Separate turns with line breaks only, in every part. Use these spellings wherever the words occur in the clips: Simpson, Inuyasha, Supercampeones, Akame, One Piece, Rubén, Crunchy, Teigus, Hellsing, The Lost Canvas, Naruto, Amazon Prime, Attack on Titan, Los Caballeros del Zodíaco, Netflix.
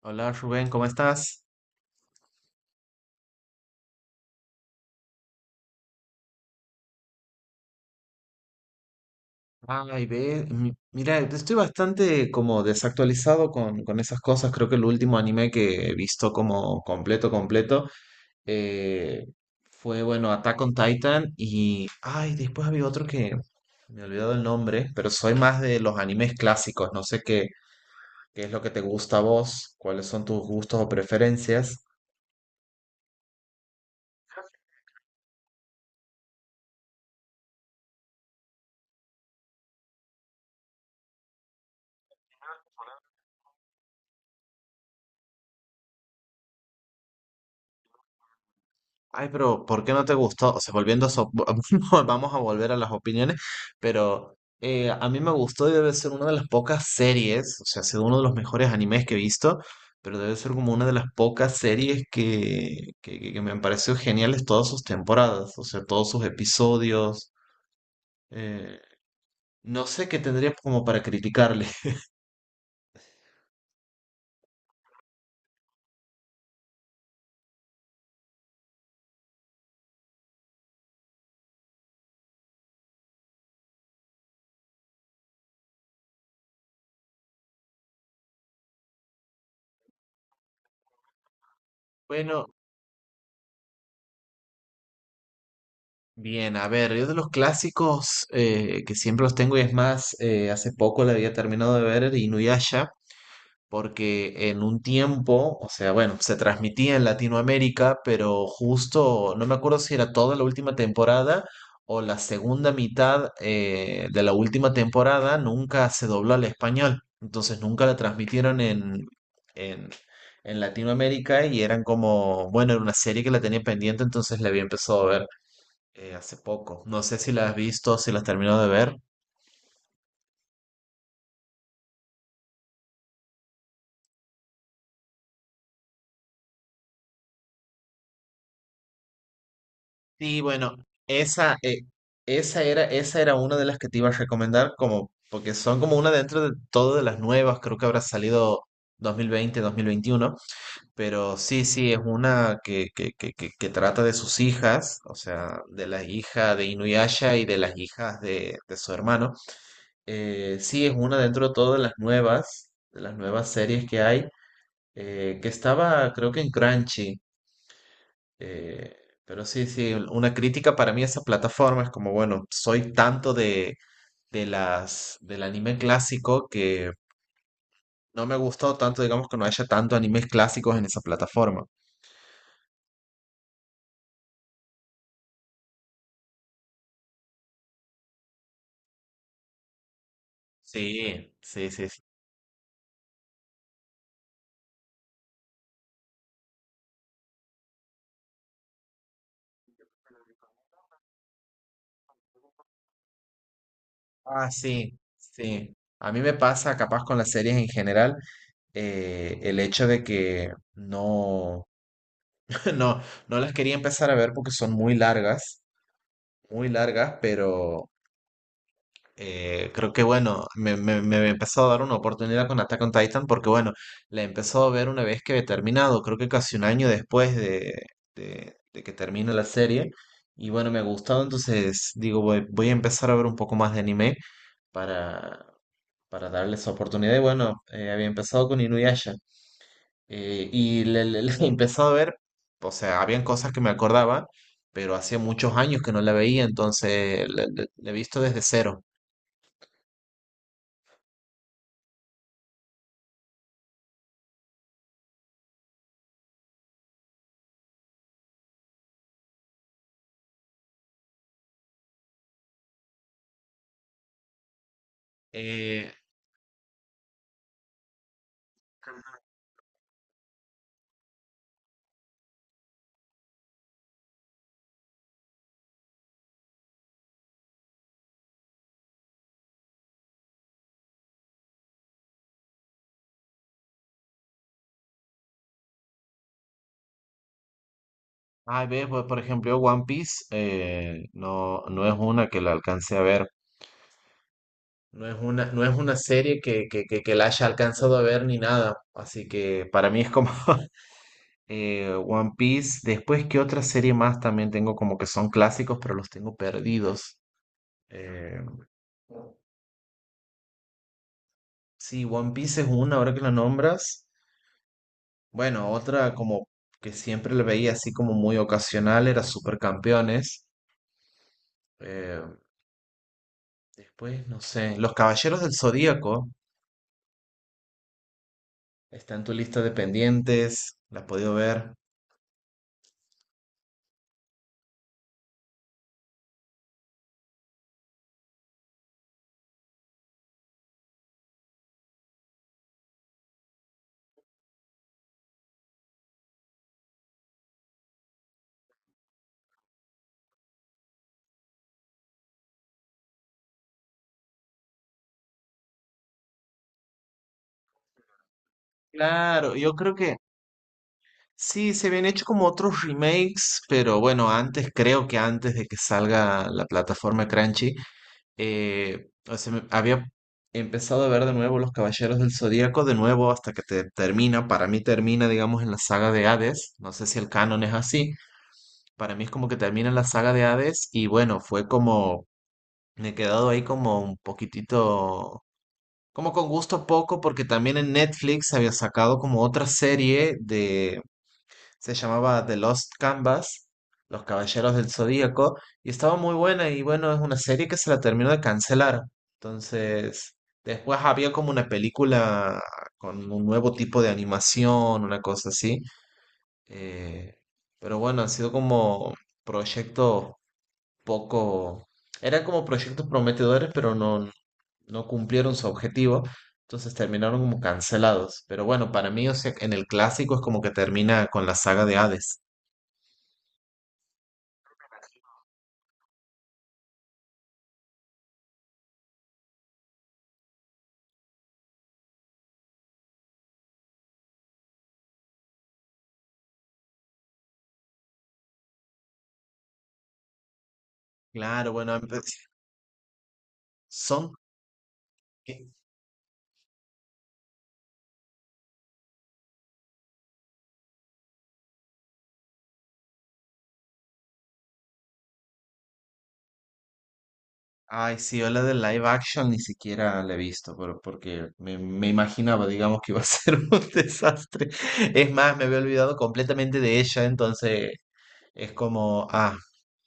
Hola Rubén, ¿cómo estás? Ay, ve, mira, estoy bastante como desactualizado con esas cosas. Creo que el último anime que he visto como completo, completo, eh, fue, bueno, Attack on Titan y, ay, después había otro que me he olvidado el nombre, pero soy más de los animes clásicos. No sé qué, qué es lo que te gusta a vos, cuáles son tus gustos o preferencias. Ay, pero ¿por qué no te gustó? O sea, volviendo a eso, vamos a volver a las opiniones, pero a mí me gustó y debe ser una de las pocas series, o sea, ha sido uno de los mejores animes que he visto, pero debe ser como una de las pocas series que me han parecido geniales todas sus temporadas, o sea, todos sus episodios. eh, no sé qué tendría como para criticarle. Bueno, bien, a ver, yo de los clásicos que siempre los tengo y es más, hace poco la había terminado de ver, era Inuyasha. Porque en un tiempo, o sea, bueno, se transmitía en Latinoamérica, pero justo, no me acuerdo si era toda la última temporada o la segunda mitad de la última temporada, nunca se dobló al español. Entonces nunca la transmitieron en, en Latinoamérica y eran como, bueno, era una serie que la tenía pendiente, entonces la había empezado a ver hace poco. No sé si la has visto, si la has terminado de ver. Sí, bueno, esa, esa era una de las que te iba a recomendar, como, porque son como una dentro de todo de las nuevas, creo que habrá salido 2020, 2021, pero sí, sí, es una que trata de sus hijas, o sea, de la hija de Inuyasha y de las hijas de su hermano. Sí, es una dentro de todo de las nuevas series que hay, que estaba, creo que en Crunchy. Eh, pero sí, sí, una crítica para mí a esa plataforma es como, bueno, soy tanto de las, del anime clásico que no me ha gustado tanto, digamos, que no haya tanto animes clásicos en esa plataforma. Sí, sí, sí. Sí. Ah, sí, sí. A mí me pasa, capaz con las series en general, el hecho de que no, no, no las quería empezar a ver porque son muy largas, pero creo que bueno, me empezó a dar una oportunidad con Attack on Titan porque bueno, la empezó a ver una vez que he terminado, creo que casi un año después de que termine la serie. Y bueno, me ha gustado, entonces digo, voy a empezar a ver un poco más de anime para, para darle esa oportunidad. Y bueno, había empezado con Inuyasha y le he empezado a ver, o sea, habían cosas que me acordaba, pero hacía muchos años que no la veía, entonces la he visto desde cero. Eh, ah, ves, pues, por ejemplo, One Piece no, no es una que la alcance a ver, no es una, no es una serie que la haya alcanzado a ver ni nada, así que para mí es como One Piece. Después, ¿qué otra serie más también tengo como que son clásicos, pero los tengo perdidos? Eh, sí, One Piece es una, ahora que la nombras. Bueno, otra como que siempre la veía así como muy ocasional era Supercampeones. Eh, Después, no sé, Los Caballeros del Zodíaco. Está en tu lista de pendientes, la has podido ver. Claro, yo creo que sí, se habían hecho como otros remakes, pero bueno, antes, creo que antes de que salga la plataforma Crunchy, o sea, había empezado a ver de nuevo Los Caballeros del Zodíaco, de nuevo hasta que te termina, para mí termina, digamos, en la saga de Hades, no sé si el canon es así, para mí es como que termina en la saga de Hades y bueno, fue como, me he quedado ahí como un poquitito como con gusto poco, porque también en Netflix había sacado como otra serie de, se llamaba The Lost Canvas, Los Caballeros del Zodíaco, y estaba muy buena y bueno, es una serie que se la terminó de cancelar. Entonces, después había como una película con un nuevo tipo de animación, una cosa así. eh, pero bueno, han sido como proyectos poco, eran como proyectos prometedores, pero no, no cumplieron su objetivo, entonces terminaron como cancelados. Pero bueno, para mí, o sea, en el clásico es como que termina con la saga de Hades. Claro, bueno, son... que- Ay, sí, yo la de live action ni siquiera la he visto, pero porque me imaginaba, digamos, que iba a ser un desastre. Es más, me había olvidado completamente de ella, entonces es como, ah,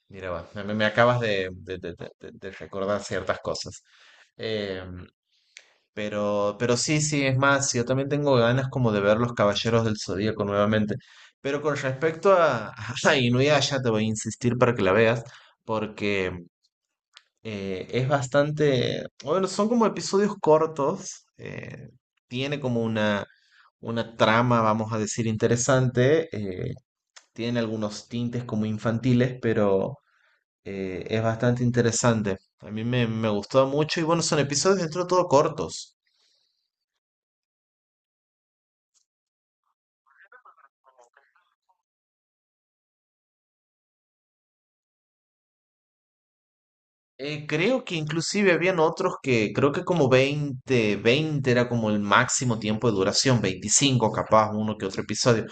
mira, va, me acabas de recordar ciertas cosas. Em, pero sí, sí, es más, yo también tengo ganas como de ver Los Caballeros del Zodíaco nuevamente. Pero con respecto a, a Inuyasha, te voy a insistir para que la veas, porque es bastante, bueno, son como episodios cortos, tiene como una trama, vamos a decir, interesante, tiene algunos tintes como infantiles, pero es bastante interesante. A mí me gustó mucho y bueno, son episodios dentro de todo cortos. Creo que inclusive habían otros que creo que como 20 20 era como el máximo tiempo de duración, 25 capaz, uno que otro episodio,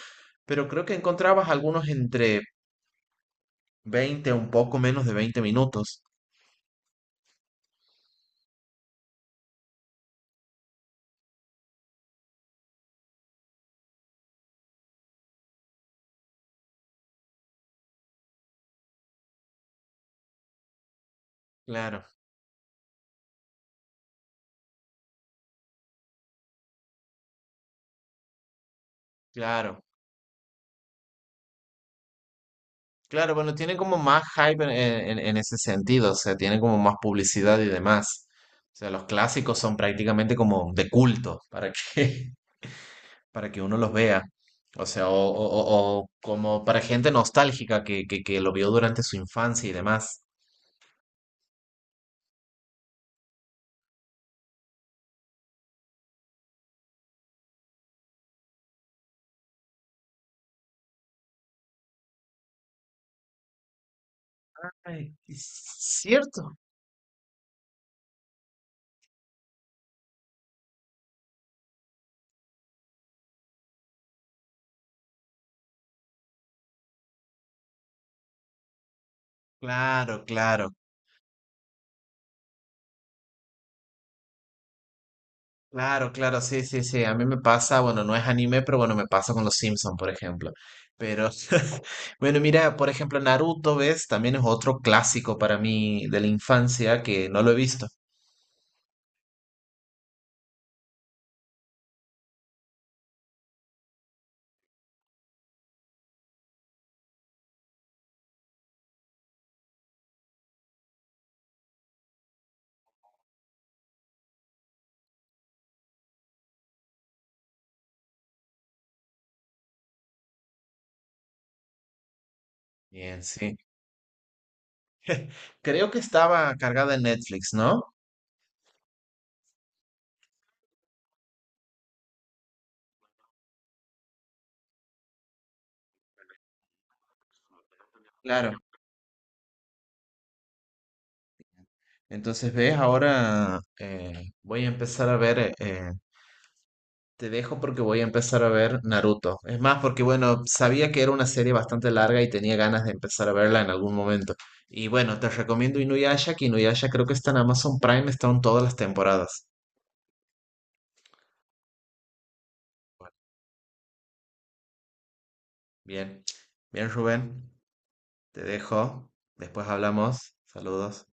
pero creo que encontrabas algunos entre 20 un poco menos de 20 minutos. Claro, claro, claro, bueno, tienen como más hype en ese sentido, o sea, tienen como más publicidad y demás. O sea, los clásicos son prácticamente como de culto, ¿para qué? Para que uno los vea. O sea, o como para gente nostálgica que lo vio durante su infancia y demás. Ay, es cierto. Claro, claro. Claro, claro, sí, sí, sí. A mí me pasa, bueno, no es anime, pero bueno, me pasa con los Simpson, por ejemplo. Pero, bueno, mira, por ejemplo, Naruto, ¿ves? También es otro clásico para mí de la infancia que no lo he visto. Bien, sí. Creo que estaba cargada en Netflix, ¿no? Claro. Entonces, ves, ahora voy a empezar a ver, te dejo porque voy a empezar a ver Naruto. Es más, porque bueno, sabía que era una serie bastante larga y tenía ganas de empezar a verla en algún momento. Y bueno, te recomiendo Inuyasha, que Inuyasha creo que está en Amazon Prime, están todas las temporadas. Bueno, bien, bien Rubén, te dejo, después hablamos, saludos.